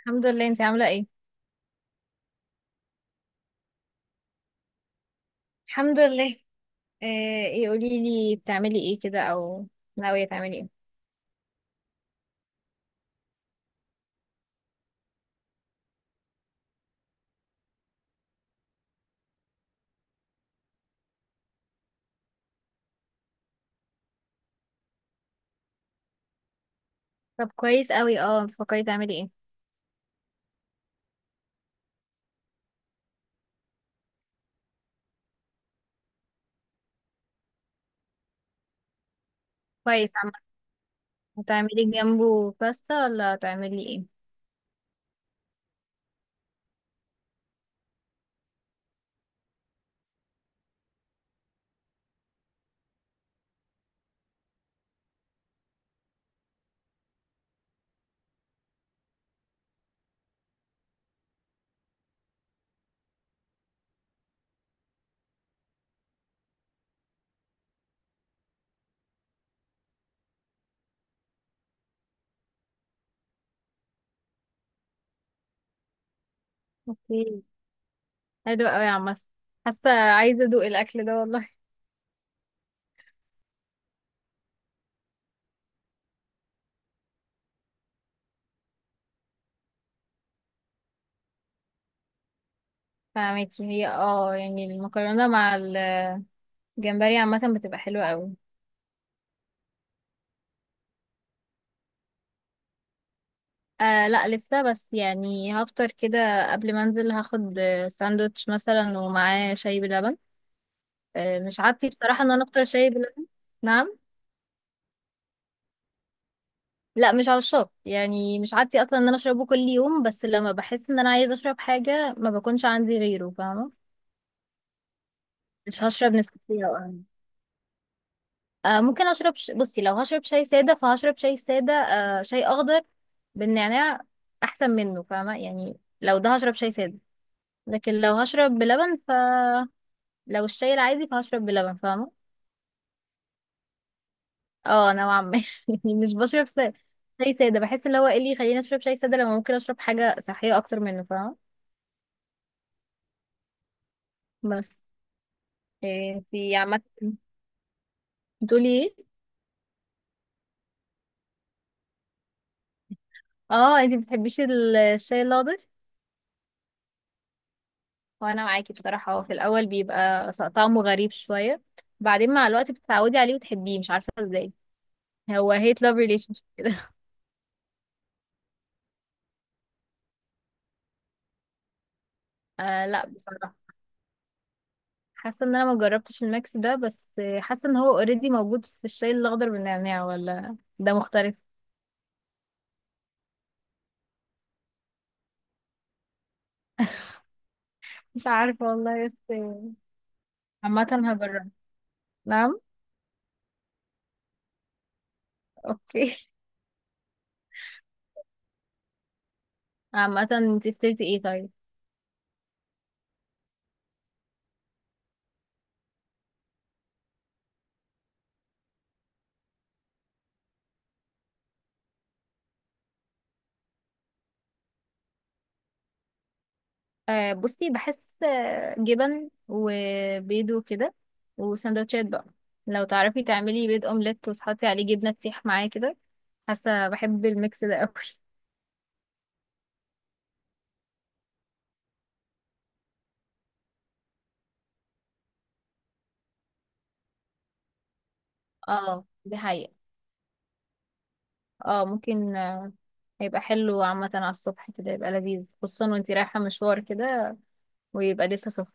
الحمد لله. انت عاملة ايه؟ الحمد لله. آه، ايه، قولي لي بتعملي ايه كده او ناوية تعملي ايه؟ طب كويس قوي. اه، بتفكري تعملي ايه؟ كويس. عامة هتعملي جنبه باستا ولا هتعملي ايه؟ اوكي، حلو قوي يا عم. حاسة عايزة ادوق الاكل ده والله. فاهمكي. هي اه، يعني المكرونة مع الجمبري عامة بتبقى حلوة قوي. آه لا، لسه، بس يعني هفطر كده قبل ما انزل. هاخد ساندوتش مثلا ومعاه شاي بلبن. مش عادتي بصراحة ان انا افطر شاي بلبن. نعم. لا مش عشاق، يعني مش عادتي اصلا ان انا اشربه كل يوم، بس لما بحس ان انا عايزة اشرب حاجة ما بكونش عندي غيره، فاهمة. مش هشرب نسكافيه او قهوة. آه، ممكن اشرب بصي، لو هشرب شاي سادة فهشرب شاي سادة، آه شاي اخضر بالنعناع احسن منه فاهمة يعني. لو ده هشرب شاي سادة، لكن لو هشرب بلبن، فلو الشاي العادي فهشرب بلبن فاهمة. اه نوعا ما. يعني مش بشرب شاي سادة. بحس اللي هو ايه اللي يخليني اشرب شاي سادة لما ممكن اشرب حاجة صحية اكتر منه فاهمة. بس انتي عامة بتقولي ايه؟ اه، انتي بتحبيش الشاي الأخضر؟ وانا معاكي بصراحة، هو في الاول بيبقى طعمه غريب شوية، بعدين مع الوقت بتتعودي عليه وتحبيه، مش عارفة ازاي. هو هيت لاف ريليشن كده. آه لا بصراحة، حاسة ان انا ما جربتش الميكس ده، بس حاسة ان هو اوريدي موجود في الشاي الأخضر بالنعناع، ولا ده مختلف؟ مش عارفة والله. بس عامة هجرب. نعم. اوكي. عامة انتي فطرتي ايه طيب؟ آه بصي، بحس جبن وبيض وكده وسندوتشات بقى. لو تعرفي تعملي بيض اومليت وتحطي عليه جبنة تسيح معاه كده، حاسة بحب الميكس ده قوي. اه دي حقيقة. اه ممكن. هيبقى حلو عامة على الصبح كده، يبقى لذيذ خصوصا وانتي رايحة مشوار كده، ويبقى لسه سخن.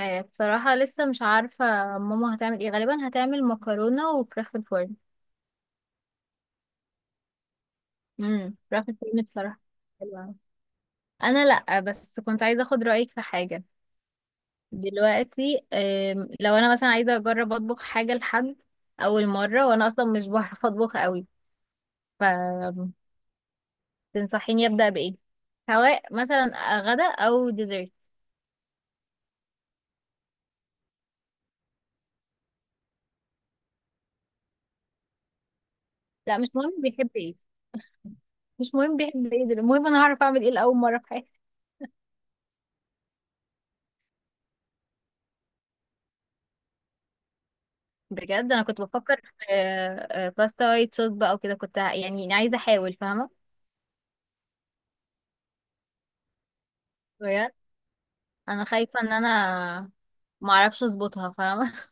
آه بصراحة لسه مش عارفة. ماما هتعمل ايه غالبا؟ هتعمل مكرونة وفراخ في الفرن. امم، راح الفيلم بصراحة. حلو أوي. انا لا، بس كنت عايزة اخد رأيك في حاجة. دلوقتي لو انا مثلا عايزة اجرب اطبخ حاجة لحد اول مرة، وانا اصلا مش بعرف اطبخ قوي، فتنصحيني ابدأ بايه؟ سواء مثلا غدا او ديزرت. لا مش مهم بيحب ايه، مش مهم بيحب ايه. المهم انا هعرف اعمل ايه لاول مرة في حياتي. بجد انا كنت بفكر في باستا وايت صوص بقى وكده. كنت يعني عايزة احاول فاهمة. انا خايفة ان انا معرفش اظبطها فاهمة.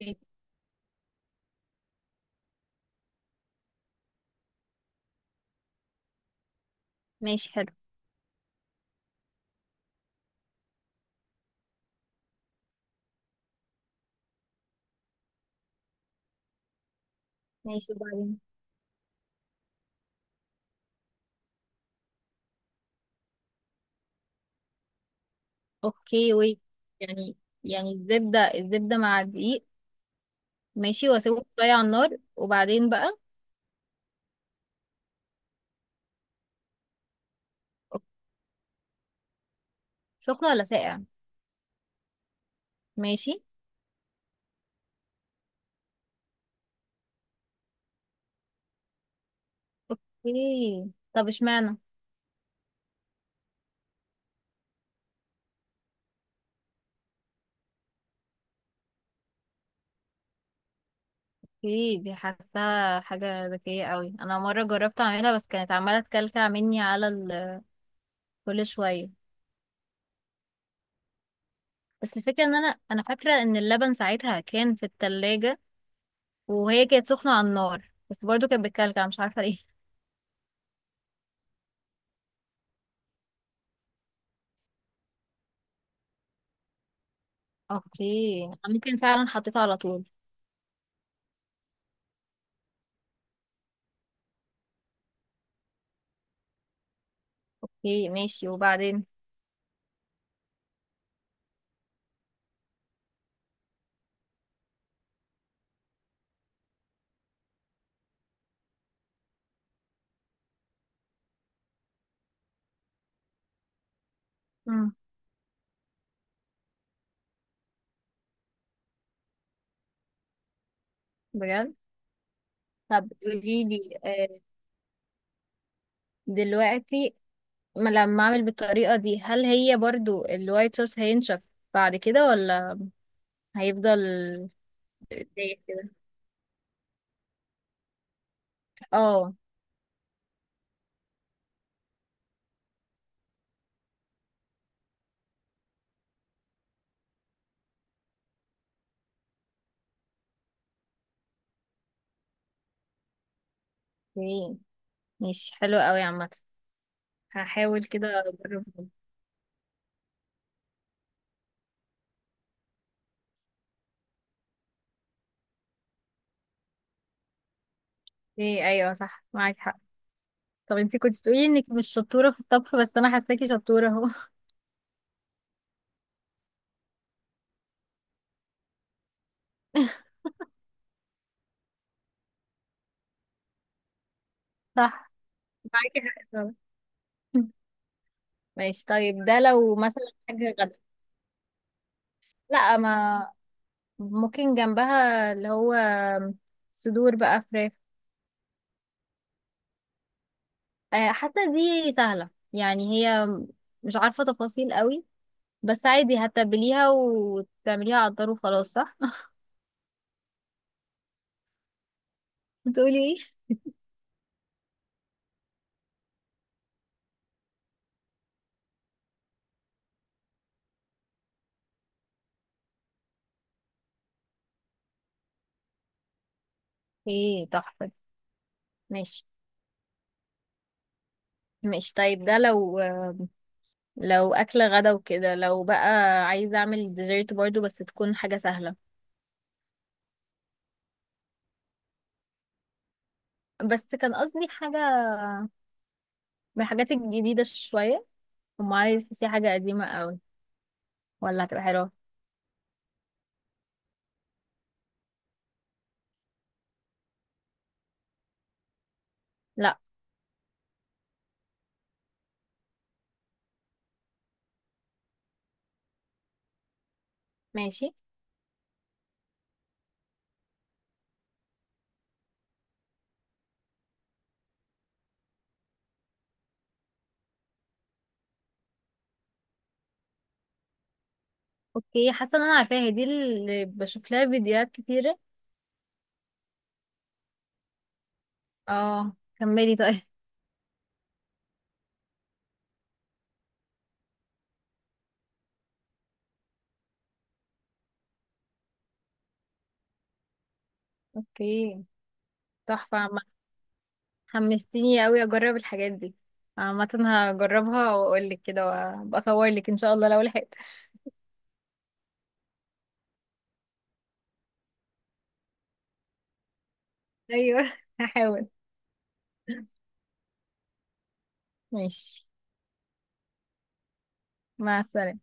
ماشي حلو. ماشي، وبعدين؟ اوكي ويت. يعني الزبدة مع الدقيق. ماشي، واسيبه شوية على النار وبعدين بقى؟ أوك- سخن ولا ساقع؟ ماشي. اوكي، طب اشمعنى؟ اوكي، دي حاساها حاجة ذكية قوي. انا مرة جربت اعملها بس كانت عمالة تكلكع مني على كل شوية. بس الفكرة ان انا فاكرة ان اللبن ساعتها كان في التلاجة، وهي كانت سخنة على النار، بس برضو كانت بتكلكع مش عارفة ليه. اوكي، ممكن فعلا حطيتها على طول. اوكي ماشي، وبعدين؟ مم. بجد؟ طب قولي لي دلوقتي، ما لما اعمل بالطريقة دي هل هي برضو الوايت صوص هينشف بعد كده، ولا هيفضل دايب كده؟ اه. اوكي ماشي حلو قوي عامة، هحاول كده اجرب. ايه؟ ايوه صح، معاك حق. طب انتي كنت بتقولي انك مش شطورة في الطبخ، بس انا حاساكي شطورة اهو. صح، معاكي حق فعلا. ماشي طيب، ده لو مثلا حاجة غدا. لا، ما ممكن جنبها اللي هو صدور بقى فراخ. حاسة دي سهلة يعني. هي مش عارفة تفاصيل قوي، بس عادي هتبليها وتعمليها على النار وخلاص صح. بتقولي ايه؟ ايه تحفة دي. ماشي. ماشي طيب، ده لو أكلة غدا وكده، لو بقى عايزة أعمل ديزرت برضو، بس تكون حاجة سهلة. بس كان قصدي حاجة من الحاجات الجديدة شوية. ام علي دي تحسيها حاجه قديمه قوي، ولا هتبقى حلوه؟ لا. ماشي. اوكي، حاسه ان انا عارفاها دي، اللي بشوف لها فيديوهات كتيره. اه، كملي طيب. اوكي، تحفه عامة. حمستيني قوي اجرب الحاجات دي. عامه هجربها واقول لك كده، وابقى اصور لك ان شاء الله لو لحقت. ايوه، هحاول. ماشي. مع السلامه.